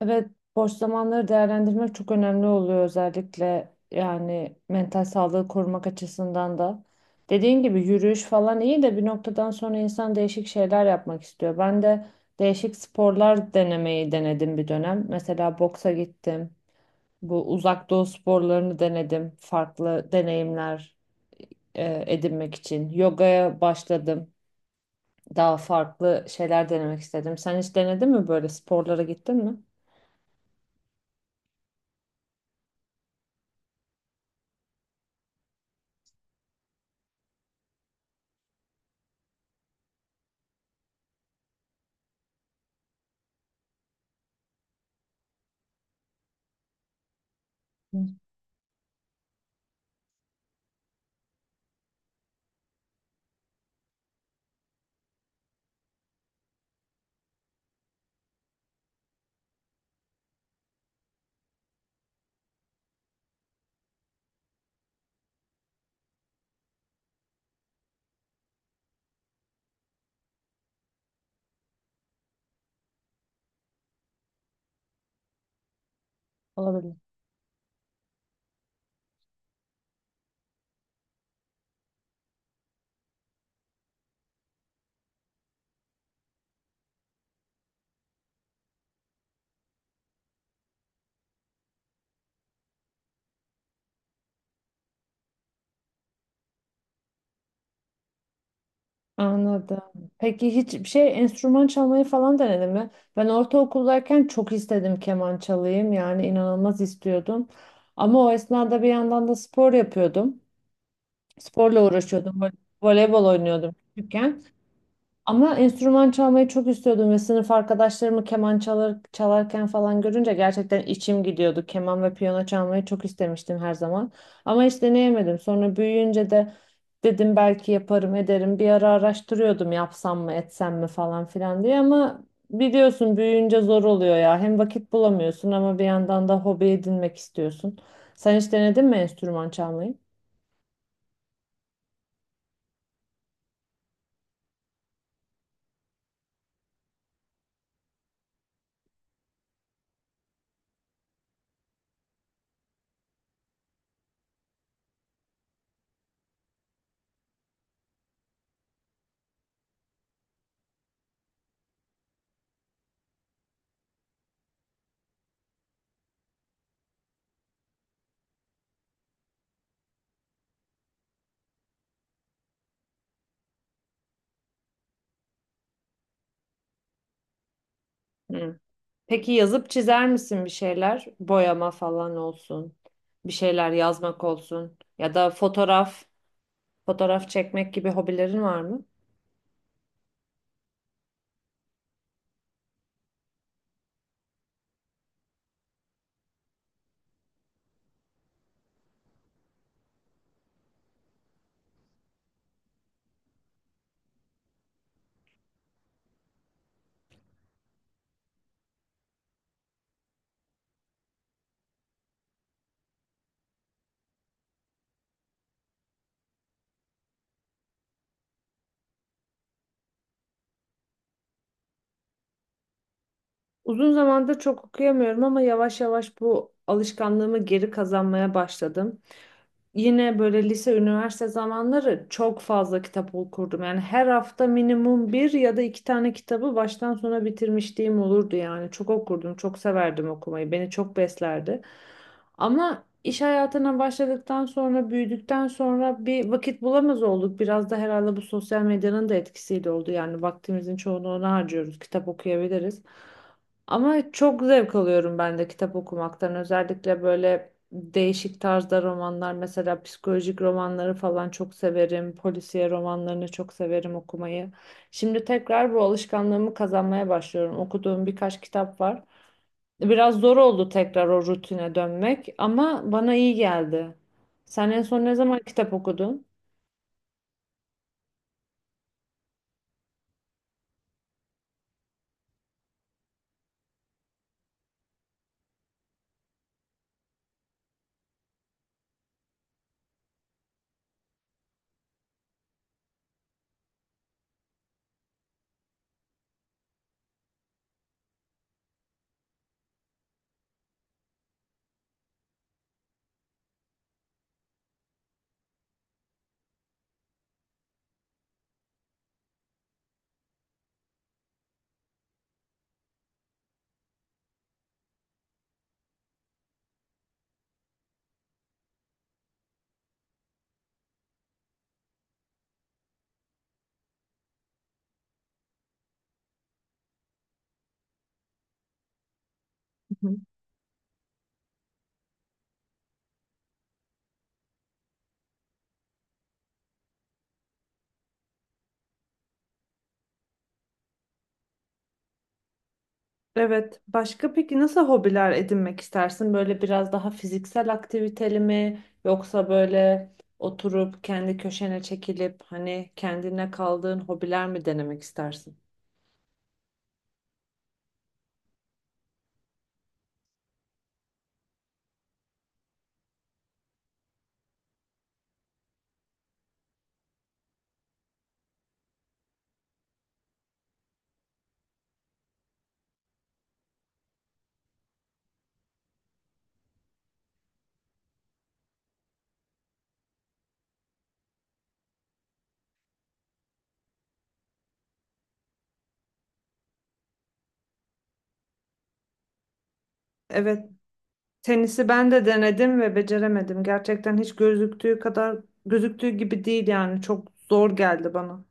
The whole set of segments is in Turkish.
Evet, boş zamanları değerlendirmek çok önemli oluyor özellikle yani mental sağlığı korumak açısından da. Dediğin gibi yürüyüş falan iyi de bir noktadan sonra insan değişik şeyler yapmak istiyor. Ben de değişik sporlar denemeyi denedim bir dönem. Mesela boksa gittim. Bu uzak doğu sporlarını denedim. Farklı deneyimler edinmek için. Yogaya başladım. Daha farklı şeyler denemek istedim. Sen hiç denedin mi böyle sporlara gittin mi? Hı. Olabilir. Anladım. Peki hiç şey enstrüman çalmayı falan denedin mi? Ben ortaokuldayken çok istedim keman çalayım yani inanılmaz istiyordum. Ama o esnada bir yandan da spor yapıyordum. Sporla uğraşıyordum. Voleybol oynuyordum küçükken. Ama enstrüman çalmayı çok istiyordum ve sınıf arkadaşlarımı keman çalar, çalarken falan görünce gerçekten içim gidiyordu. Keman ve piyano çalmayı çok istemiştim her zaman. Ama hiç deneyemedim. Sonra büyüyünce de dedim belki yaparım ederim. Bir ara araştırıyordum yapsam mı etsem mi falan filan diye ama biliyorsun büyüyünce zor oluyor ya. Hem vakit bulamıyorsun ama bir yandan da hobi edinmek istiyorsun. Sen hiç denedin mi enstrüman çalmayı? Peki yazıp çizer misin bir şeyler? Boyama falan olsun. Bir şeyler yazmak olsun. Ya da fotoğraf, fotoğraf çekmek gibi hobilerin var mı? Uzun zamandır çok okuyamıyorum ama yavaş yavaş bu alışkanlığımı geri kazanmaya başladım. Yine böyle lise, üniversite zamanları çok fazla kitap okurdum. Yani her hafta minimum bir ya da iki tane kitabı baştan sona bitirmişliğim olurdu yani. Çok okurdum, çok severdim okumayı. Beni çok beslerdi. Ama iş hayatına başladıktan sonra, büyüdükten sonra bir vakit bulamaz olduk. Biraz da herhalde bu sosyal medyanın da etkisiyle oldu. Yani vaktimizin çoğunu ona harcıyoruz. Kitap okuyabiliriz. Ama çok zevk alıyorum ben de kitap okumaktan. Özellikle böyle değişik tarzda romanlar, mesela psikolojik romanları falan çok severim. Polisiye romanlarını çok severim okumayı. Şimdi tekrar bu alışkanlığımı kazanmaya başlıyorum. Okuduğum birkaç kitap var. Biraz zor oldu tekrar o rutine dönmek ama bana iyi geldi. Sen en son ne zaman kitap okudun? Evet. Başka peki nasıl hobiler edinmek istersin? Böyle biraz daha fiziksel aktiviteli mi? Yoksa böyle oturup kendi köşene çekilip hani kendine kaldığın hobiler mi denemek istersin? Evet, tenisi ben de denedim ve beceremedim. Gerçekten hiç gözüktüğü kadar gözüktüğü gibi değil yani çok zor geldi bana.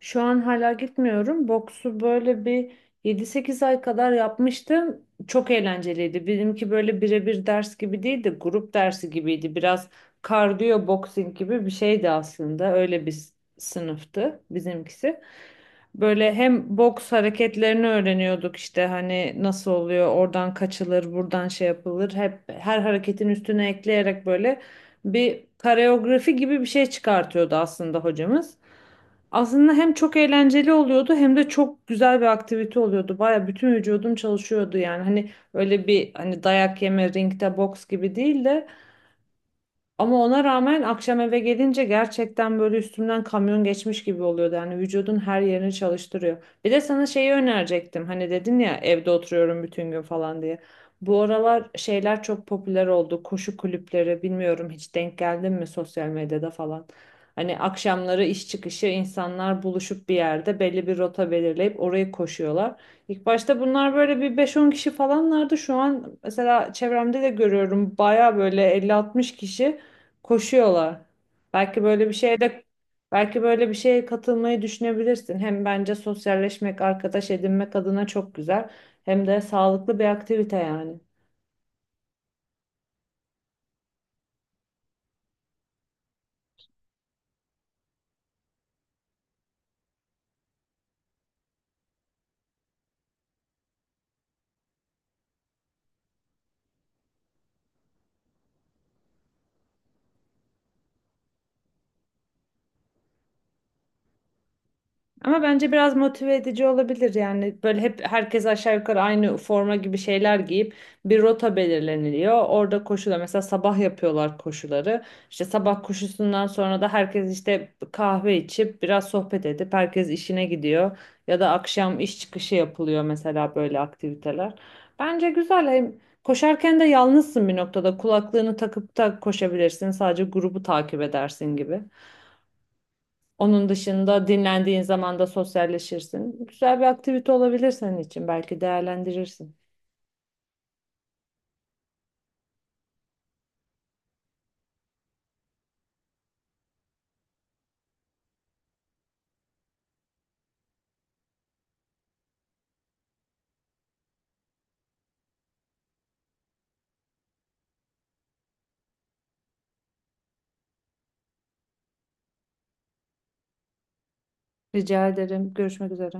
Şu an hala gitmiyorum. Boksu böyle bir 7-8 ay kadar yapmıştım. Çok eğlenceliydi. Benimki böyle birebir ders gibi değildi, grup dersi gibiydi. Biraz kardiyo boxing gibi bir şeydi aslında. Öyle bir sınıftı bizimkisi. Böyle hem boks hareketlerini öğreniyorduk işte hani nasıl oluyor, oradan kaçılır, buradan şey yapılır. Hep her hareketin üstüne ekleyerek böyle bir koreografi gibi bir şey çıkartıyordu aslında hocamız. Aslında hem çok eğlenceli oluyordu hem de çok güzel bir aktivite oluyordu. Baya bütün vücudum çalışıyordu yani. Hani öyle bir hani dayak yeme ringde boks gibi değil de ama ona rağmen akşam eve gelince gerçekten böyle üstümden kamyon geçmiş gibi oluyordu. Yani vücudun her yerini çalıştırıyor. Bir de sana şeyi önerecektim. Hani dedin ya evde oturuyorum bütün gün falan diye. Bu aralar şeyler çok popüler oldu. Koşu kulüpleri bilmiyorum hiç denk geldin mi sosyal medyada falan. Hani akşamları iş çıkışı insanlar buluşup bir yerde belli bir rota belirleyip orayı koşuyorlar. İlk başta bunlar böyle bir 5-10 kişi falanlardı. Şu an mesela çevremde de görüyorum baya böyle 50-60 kişi. Koşuyorlar. Belki böyle bir şeye de Belki böyle bir şeye katılmayı düşünebilirsin. Hem bence sosyalleşmek, arkadaş edinmek adına çok güzel. Hem de sağlıklı bir aktivite yani. Ama bence biraz motive edici olabilir yani böyle hep herkes aşağı yukarı aynı forma gibi şeyler giyip bir rota belirleniliyor. Orada koşuda mesela sabah yapıyorlar koşuları. İşte sabah koşusundan sonra da herkes işte kahve içip biraz sohbet edip herkes işine gidiyor. Ya da akşam iş çıkışı yapılıyor mesela böyle aktiviteler. Bence güzel hem koşarken de yalnızsın bir noktada kulaklığını takıp da koşabilirsin sadece grubu takip edersin gibi. Onun dışında dinlendiğin zaman da sosyalleşirsin. Güzel bir aktivite olabilir senin için. Belki değerlendirirsin. Rica ederim. Görüşmek üzere.